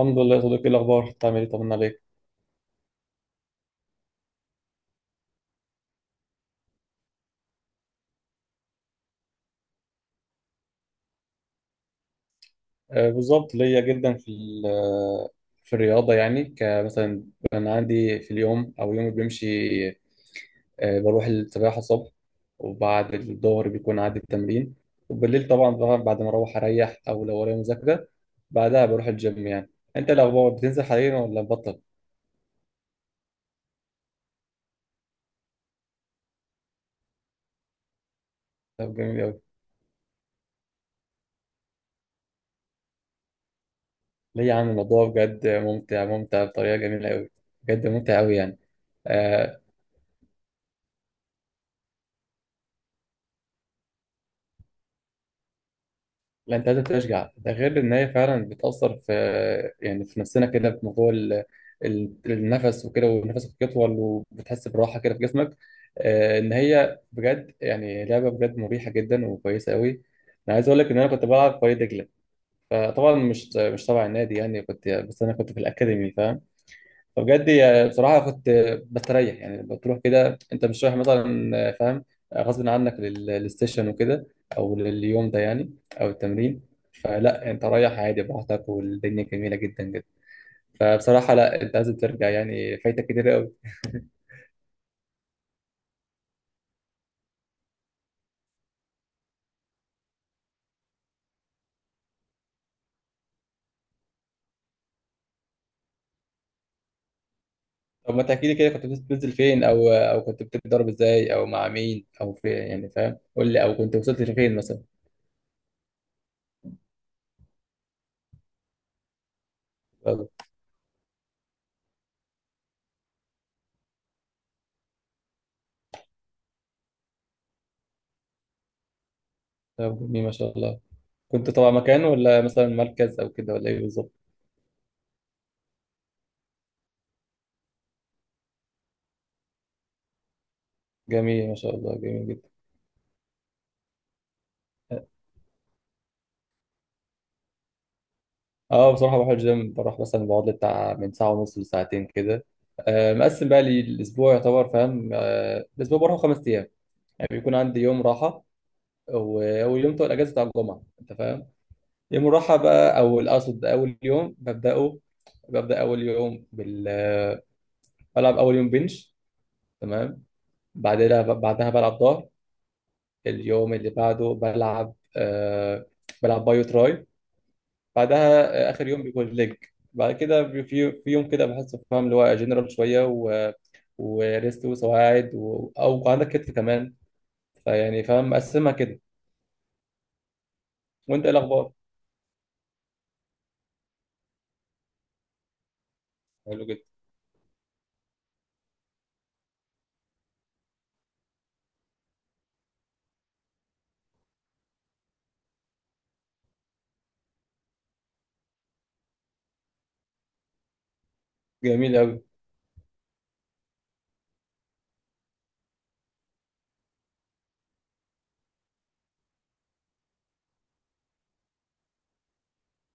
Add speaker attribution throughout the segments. Speaker 1: الحمد لله يا صديقي، ايه الاخبار؟ بتعمل ايه؟ طمنا عليك. آه بالظبط ليا جدا في ال- آه، في الرياضه يعني، كمثلا انا عندي في اليوم، او يومي بيمشي، آه بروح السباحه الصبح، وبعد الظهر بيكون عندي التمرين، وبالليل طبعا بقى، بعد ما اروح اريح، او لو ورايا مذاكره بعدها بروح الجيم يعني. انت الاخبار؟ بتنزل حاليا ولا بطل؟ طب جميل قوي. ليه يا عم؟ الموضوع بجد ممتع، ممتع بطريقه جميله قوي، بجد ممتع قوي يعني. آه، لا انت لازم تشجع ده، غير ان هي فعلا بتاثر في، يعني في نفسنا كده، في موضوع النفس وكده، ونفسك يطول، وبتحس براحه كده في جسمك. ان هي بجد يعني لعبه بجد مريحه جدا وكويسه قوي. انا عايز اقول لك ان انا كنت بلعب في وادي دجله، فطبعا مش تبع النادي يعني، كنت بس انا كنت في الاكاديمي، فاهم؟ بصراحة كنت بستريح يعني. بتروح كده أنت مش رايح مثلا، فاهم، غصب عنك للسيشن وكده، أو لليوم ده يعني، أو التمرين. فلا، أنت رايح عادي براحتك والدنيا جميلة جدا جدا. فبصراحة لا، أنت لازم ترجع يعني، فايتك كتير قوي. طب ما تحكي لي كده، كنت بتنزل فين؟ أو كنت بتتدرب إزاي؟ أو مع مين؟ أو فين يعني؟ فاهم، قول لي، أو كنت وصلت لفين مثلا. طب طب جميل ما شاء الله. كنت طبعا مكان، ولا مثلا مركز أو كده، ولا إيه بالظبط؟ جميل ما شاء الله، جميل جدا. اه بصراحة بروح الجيم، بروح مثلا بقعد لي بتاع من ساعة ونص لساعتين كده. آه مقسم بقى لي الأسبوع، يعتبر فاهم، آه الأسبوع بروح خمس أيام، يعني بيكون عندي يوم راحة. واليوم بتاع الأجازة بتاع الجمعة أنت فاهم، يوم الراحة بقى. أو الأقصد أول يوم ببدأه، ببدأ أول يوم بال آه، بلعب أول يوم بنش، تمام. بعدها بلعب ظهر. اليوم اللي بعده بلعب آه، بلعب بايو تراي. بعدها آه، آخر يوم بيكون ليج. بعد كده في يوم كده بحسه فاهم، اللي هو جنرال شوية، و وريست وسواعد و... أو عندك كتف كمان. فيعني فاهم، مقسمها كده. وأنت إيه الأخبار؟ حلو جدا. جميل أوي.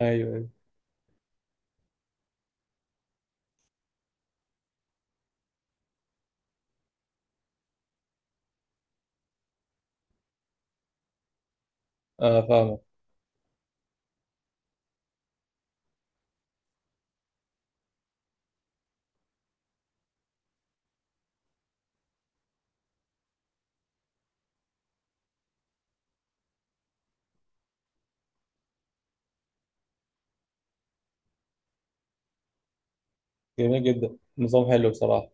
Speaker 1: أيوه أيوه. أه فاهمك. جميل جدا، نظام حلو بصراحة.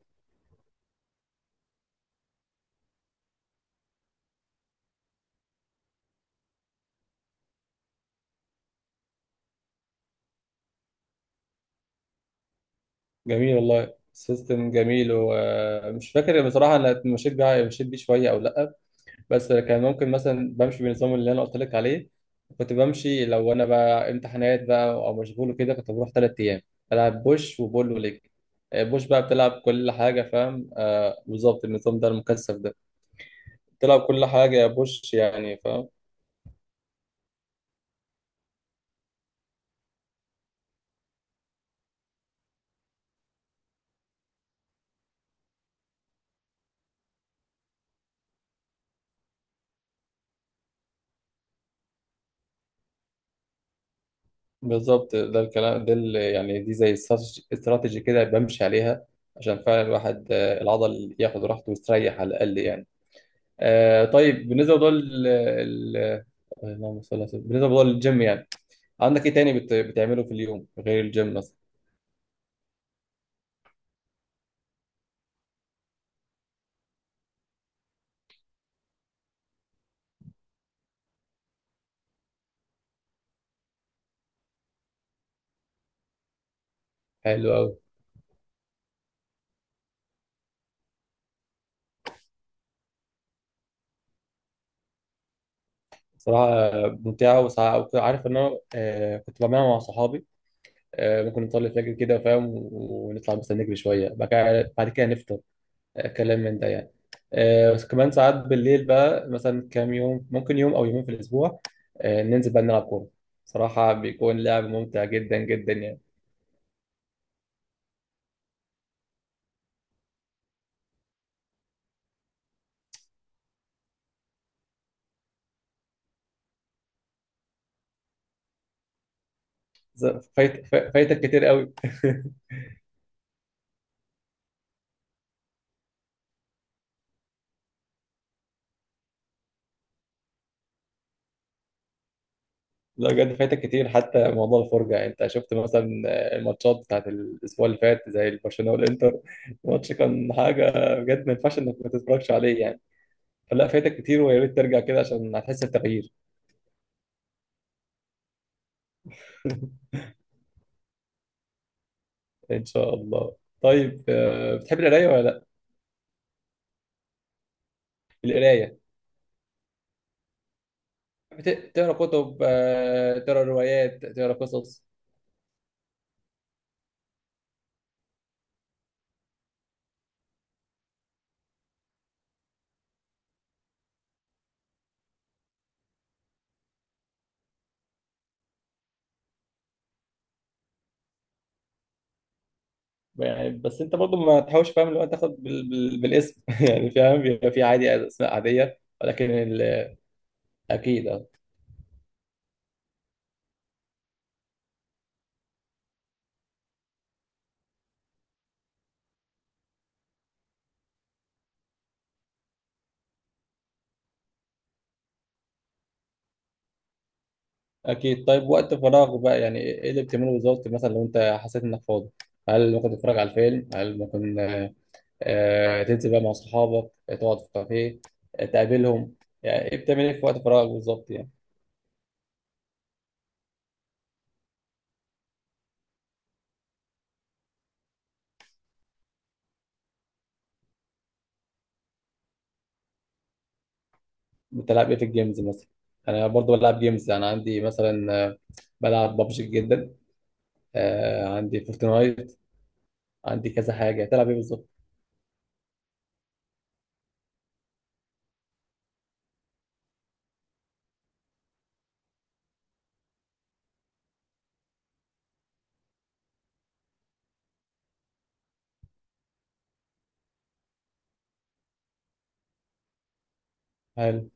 Speaker 1: جميل والله، سيستم جميل. ومش فاكر بصراحة أنا، مشيت بيه مشيت بيه شوية أو لأ، بس كان ممكن مثلا بمشي بالنظام اللي انا قلت لك عليه. كنت بمشي لو انا بقى امتحانات بقى او مشغول وكده، كنت بروح ثلاث ايام، بلعب بوش وبول وليج. آه، بوش بقى بتلعب كل حاجه، فاهم؟ آه بالظبط، النظام ده المكثف ده بتلعب كل حاجه يا بوش يعني، فاهم. بالظبط، ده الكلام ده اللي يعني، دي زي استراتيجي كده بمشي عليها، عشان فعلا الواحد آه، العضل ياخد راحته ويستريح على الاقل يعني. آه طيب بالنسبه لدول ال- ال- آه، اللهم صل على سيدنا- بالنسبه لدول الجيم يعني، عندك ايه تاني بتعمله في اليوم غير الجيم مثلا؟ حلو قوي. صراحة ممتعة وساعة. وكنت عارف ان انا آه كنت بعملها مع صحابي، آه ممكن نطلع الفجر كده فاهم، ونطلع مثلا نجري شوية، بعد كده نفطر، آه كلام من ده يعني. آه بس كمان ساعات بالليل بقى، مثلا كام يوم، ممكن يوم او يومين في الاسبوع، آه ننزل بقى نلعب كورة. صراحة بيكون لعب ممتع جدا جدا يعني. ز- فايتك كتير قوي. لا بجد، فايتك كتير، حتى موضوع الفرجة. يعني انت شفت مثلا الماتشات بتاعت الاسبوع اللي فات زي البرشلونة والانتر؟ الماتش كان حاجة بجد، ما ينفعش انك ما تتفرجش عليه يعني. فلا فايتك كتير، ويا ريت ترجع كده عشان هتحس بتغيير. ان شاء الله. طيب آه، بتحب القراية ولا لا؟ القراية، تقرا كتب؟ آه، تقرا روايات؟ تقرا قصص؟ يعني بس انت برضو ما تحاولش فاهم، اللي هو تاخد بالاسم. يعني فاهم، بيبقى في عادي اسماء عادية، ولكن ال-، اكيد. اكيد. طيب وقت فراغ بقى يعني ايه اللي بتعمله بالظبط، مثلا لو انت حسيت انك فاضي، هل ممكن تتفرج على الفيلم؟ هل ممكن آه، تنزل بقى مع اصحابك؟ آه، تقعد في كافيه؟ آه، تقابلهم؟ يعني ايه بتعمل ايه في وقت فراغك بالظبط يعني؟ بتلعب ايه في الجيمز مثلا؟ انا برضو بلعب جيمز، انا عندي مثلا آه، بلعب ببجي جدا، آه، عندي فورتنايت، عندي كذا حاجه. تلعب ايه بالظبط؟ هل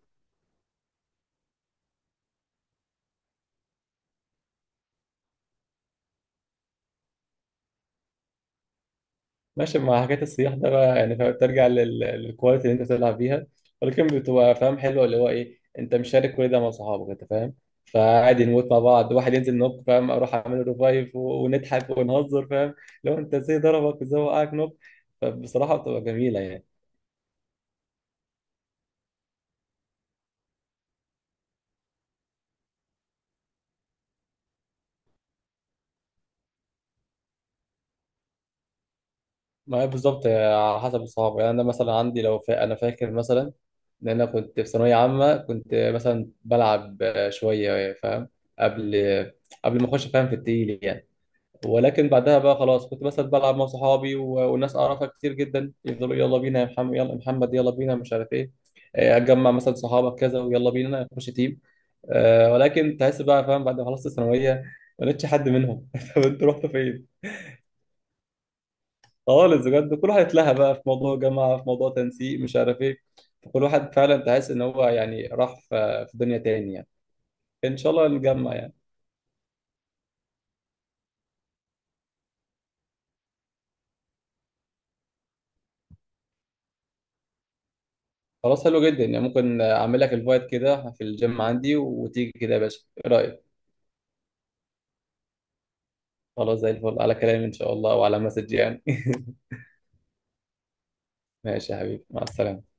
Speaker 1: ماشي مع حكايه الصياح ده بقى، يعني فاهم بترجع للكواليتي اللي انت بتلعب بيها، ولكن بتبقى فاهم حلوه اللي هو ايه، انت مشارك كل ده مع صحابك انت، فاهم؟ فعادي نموت مع بعض، واحد ينزل نوك فاهم، اروح اعمل ريفايف، ونضحك ونهزر فاهم، لو انت ازاي ضربك وازاي وقعك نوك. فبصراحه بتبقى جميله يعني. ما هي بالظبط على حسب الصحاب يعني. انا مثلا عندي، انا فاكر مثلا ان انا كنت في ثانويه عامه، كنت مثلا بلعب شويه فاهم، قبل قبل ما اخش فاهم في التقيل يعني. ولكن بعدها بقى خلاص، كنت مثلا بلعب مع صحابي والناس اعرفها كتير جدا، يفضلوا يلا بينا يا محمد، يلا يا محمد، يلا بينا مش عارف ايه، آه، اتجمع مثلا صحابك كذا، ويلا بينا نخش تيم، آه، ولكن تحس بقى فاهم بعد ما خلصت الثانويه ما لقيتش حد منهم. طب انتوا رحتوا فين؟ خالص بجد، كل واحد اتلهى بقى في موضوع جامعه، في موضوع تنسيق، مش عارف ايه، فكل واحد فعلا تحس ان هو يعني راح في دنيا تاني يعني. ان شاء الله نجمع يعني. خلاص، حلو جدا يعني. ممكن اعمل لك الفايت كده في الجيم عندي وتيجي كده يا باشا، ايه رايك؟ خلاص، زي الفل على كلامي ان شاء الله، وعلى مسج يعني. ماشي يا حبيبي، مع السلامة.